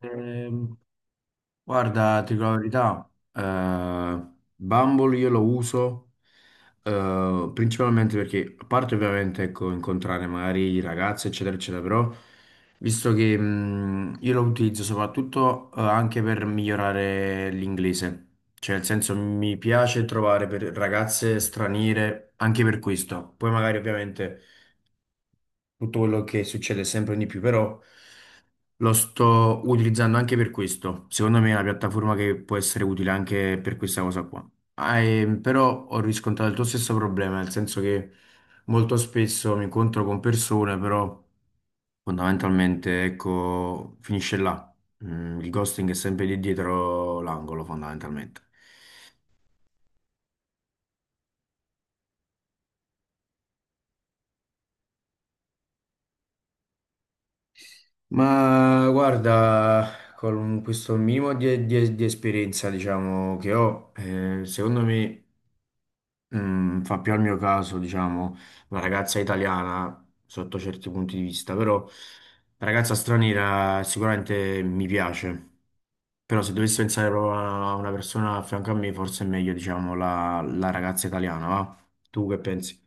Ehm, guarda, ti dico la verità, Bumble io lo uso principalmente perché, a parte ovviamente ecco, incontrare magari ragazze, eccetera, eccetera, però visto che io lo utilizzo soprattutto anche per migliorare l'inglese, cioè nel senso mi piace trovare per ragazze straniere anche per questo, poi magari ovviamente tutto quello che succede sempre di più, però lo sto utilizzando anche per questo. Secondo me è una piattaforma che può essere utile anche per questa cosa qua. Ah, però ho riscontrato il tuo stesso problema, nel senso che molto spesso mi incontro con persone, però fondamentalmente, ecco, finisce là. Il ghosting è sempre lì dietro l'angolo, fondamentalmente. Ma guarda, con questo minimo di esperienza, diciamo, che ho, secondo me fa più al mio caso, diciamo, una ragazza italiana sotto certi punti di vista, però la ragazza straniera sicuramente mi piace, però se dovessi pensare proprio a una persona a fianco a me, forse è meglio, diciamo, la ragazza italiana, va? Tu che pensi?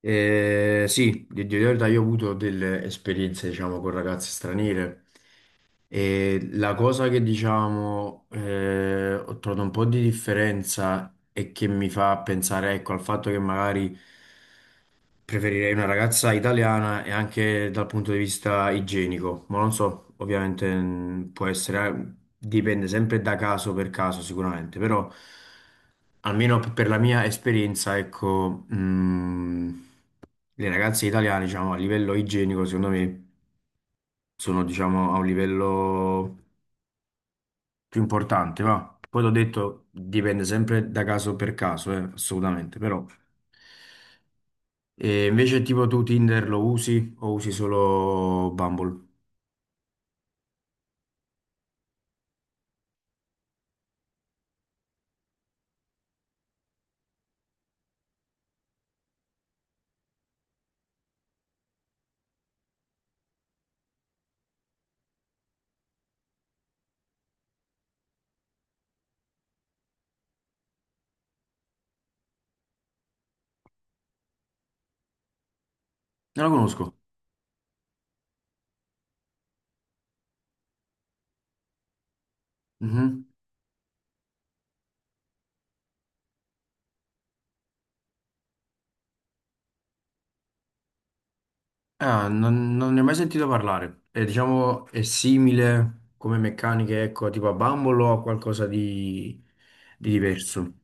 Sì, di verità io ho avuto delle esperienze, diciamo, con ragazze straniere e la cosa che, diciamo, ho trovato un po' di differenza e che mi fa pensare, ecco, al fatto che magari preferirei una ragazza italiana e anche dal punto di vista igienico, ma non so, ovviamente può essere, dipende sempre da caso per caso sicuramente, però almeno per la mia esperienza, ecco... le ragazze italiane, diciamo, a livello igienico, secondo me, sono, diciamo, a un livello più importante, va. Poi l'ho detto, dipende sempre da caso per caso, assolutamente, però. E invece tipo tu Tinder lo usi o usi solo Bumble? Non lo conosco. Mhm. Ah, non, non ne ho mai sentito parlare. E diciamo, è simile come meccaniche, ecco, tipo a Bumble o a qualcosa di diverso?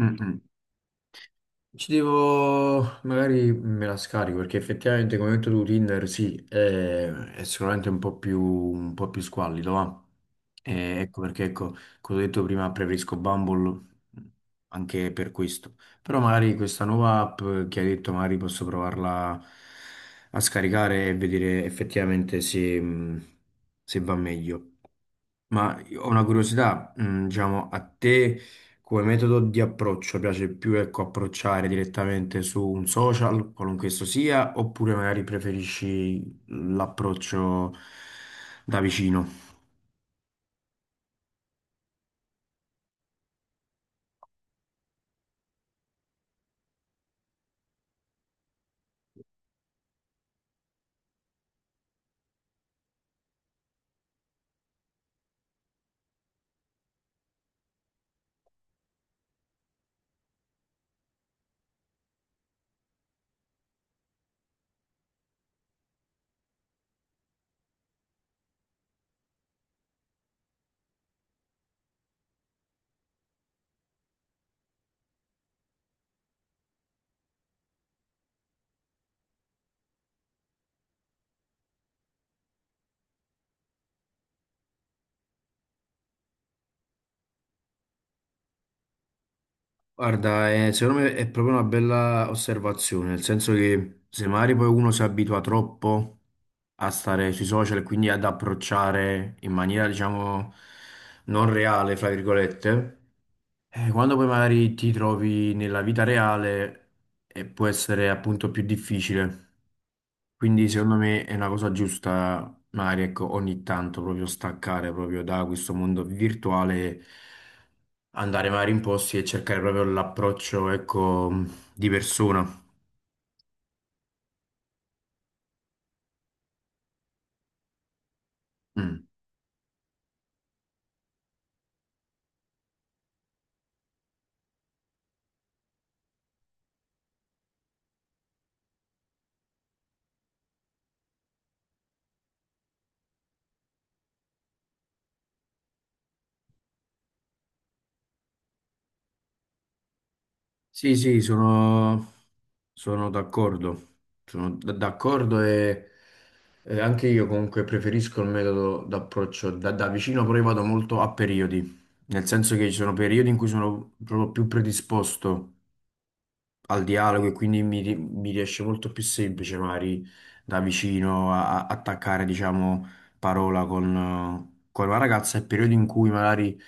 Mm-mm. Ci devo, magari me la scarico perché effettivamente come hai detto tu Tinder sì, è sicuramente un po' più squallido, va. E ecco perché, ecco, come ho detto prima, preferisco Bumble anche per questo. Però magari questa nuova app che hai detto, magari posso provarla a scaricare e vedere effettivamente se, se va meglio. Ma io ho una curiosità, mm, diciamo, a te come metodo di approccio piace più, ecco, approcciare direttamente su un social, qualunque esso sia, oppure magari preferisci l'approccio da vicino? Guarda, secondo me è proprio una bella osservazione, nel senso che se magari poi uno si abitua troppo a stare sui social e quindi ad approcciare in maniera, diciamo, non reale, fra virgolette, eh, quando poi magari ti trovi nella vita reale può essere appunto più difficile. Quindi secondo me è una cosa giusta, magari ecco, ogni tanto proprio staccare proprio da questo mondo virtuale, andare magari in posti e cercare proprio l'approccio, ecco, di persona. Mm. Sì, sì, sono d'accordo, sono d'accordo e anche io comunque preferisco il metodo d'approccio da, da vicino, però io vado molto a periodi, nel senso che ci sono periodi in cui sono proprio più predisposto al dialogo e quindi mi riesce molto più semplice magari da vicino attaccare, diciamo, parola con una ragazza, è periodo in cui magari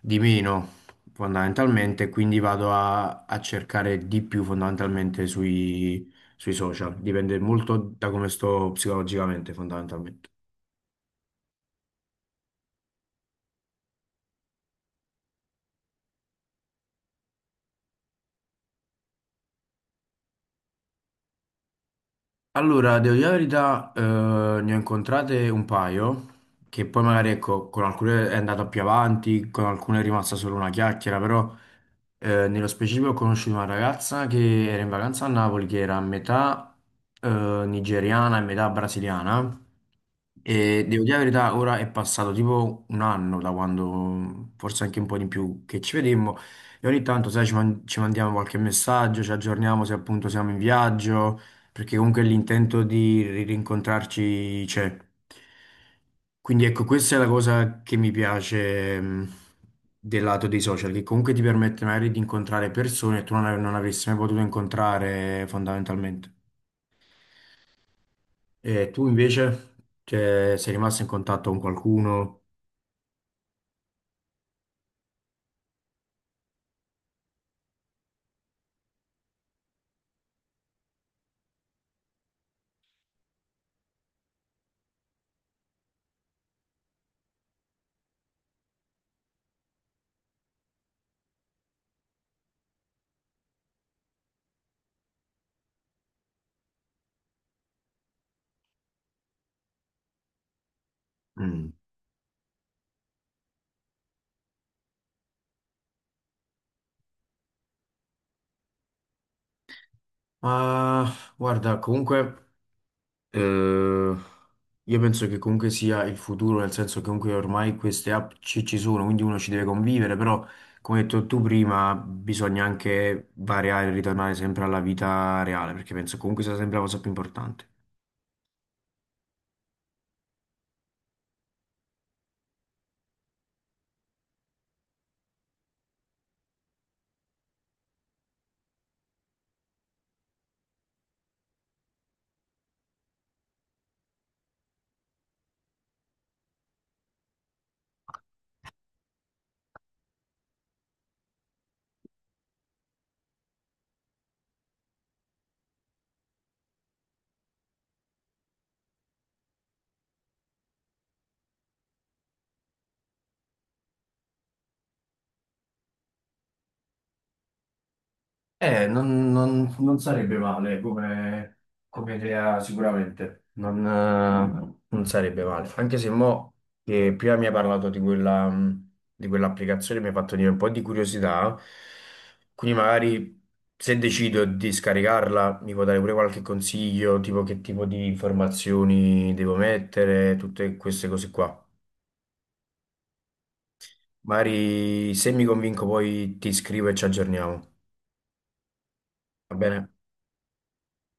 di meno fondamentalmente, quindi vado a cercare di più fondamentalmente sui, sui social, dipende molto da come sto psicologicamente fondamentalmente. Allora, devo dire la verità, ne ho incontrate un paio, che poi magari ecco, con alcune è andata più avanti, con alcune è rimasta solo una chiacchiera, però nello specifico ho conosciuto una ragazza che era in vacanza a Napoli, che era a metà eh, nigeriana e metà brasiliana, e devo dire la verità, ora è passato tipo un anno da quando, forse anche un po' di più, che ci vedemmo, e ogni tanto, sai, ci mandiamo qualche messaggio, ci aggiorniamo se appunto siamo in viaggio perché comunque l'intento di rincontrarci c'è. Quindi ecco, questa è la cosa che mi piace del lato dei social, che comunque ti permette magari di incontrare persone che tu non, non avresti mai potuto incontrare fondamentalmente. E tu invece, cioè, sei rimasto in contatto con qualcuno? Mm. Ma guarda, comunque. Eh, io penso che comunque sia il futuro, nel senso che comunque ormai queste app ci sono, quindi uno ci deve convivere, però come hai detto tu prima, bisogna anche variare e ritornare sempre alla vita reale, perché penso comunque sia sempre la cosa più importante. Non, non sarebbe male come, come idea sicuramente, non, non sarebbe male, anche se mo che prima mi hai parlato di quella, di quell'applicazione mi ha fatto venire un po' di curiosità, quindi magari se decido di scaricarla mi può dare pure qualche consiglio, tipo che tipo di informazioni devo mettere, tutte queste cose qua. Magari se mi convinco poi ti scrivo e ci aggiorniamo, va bene?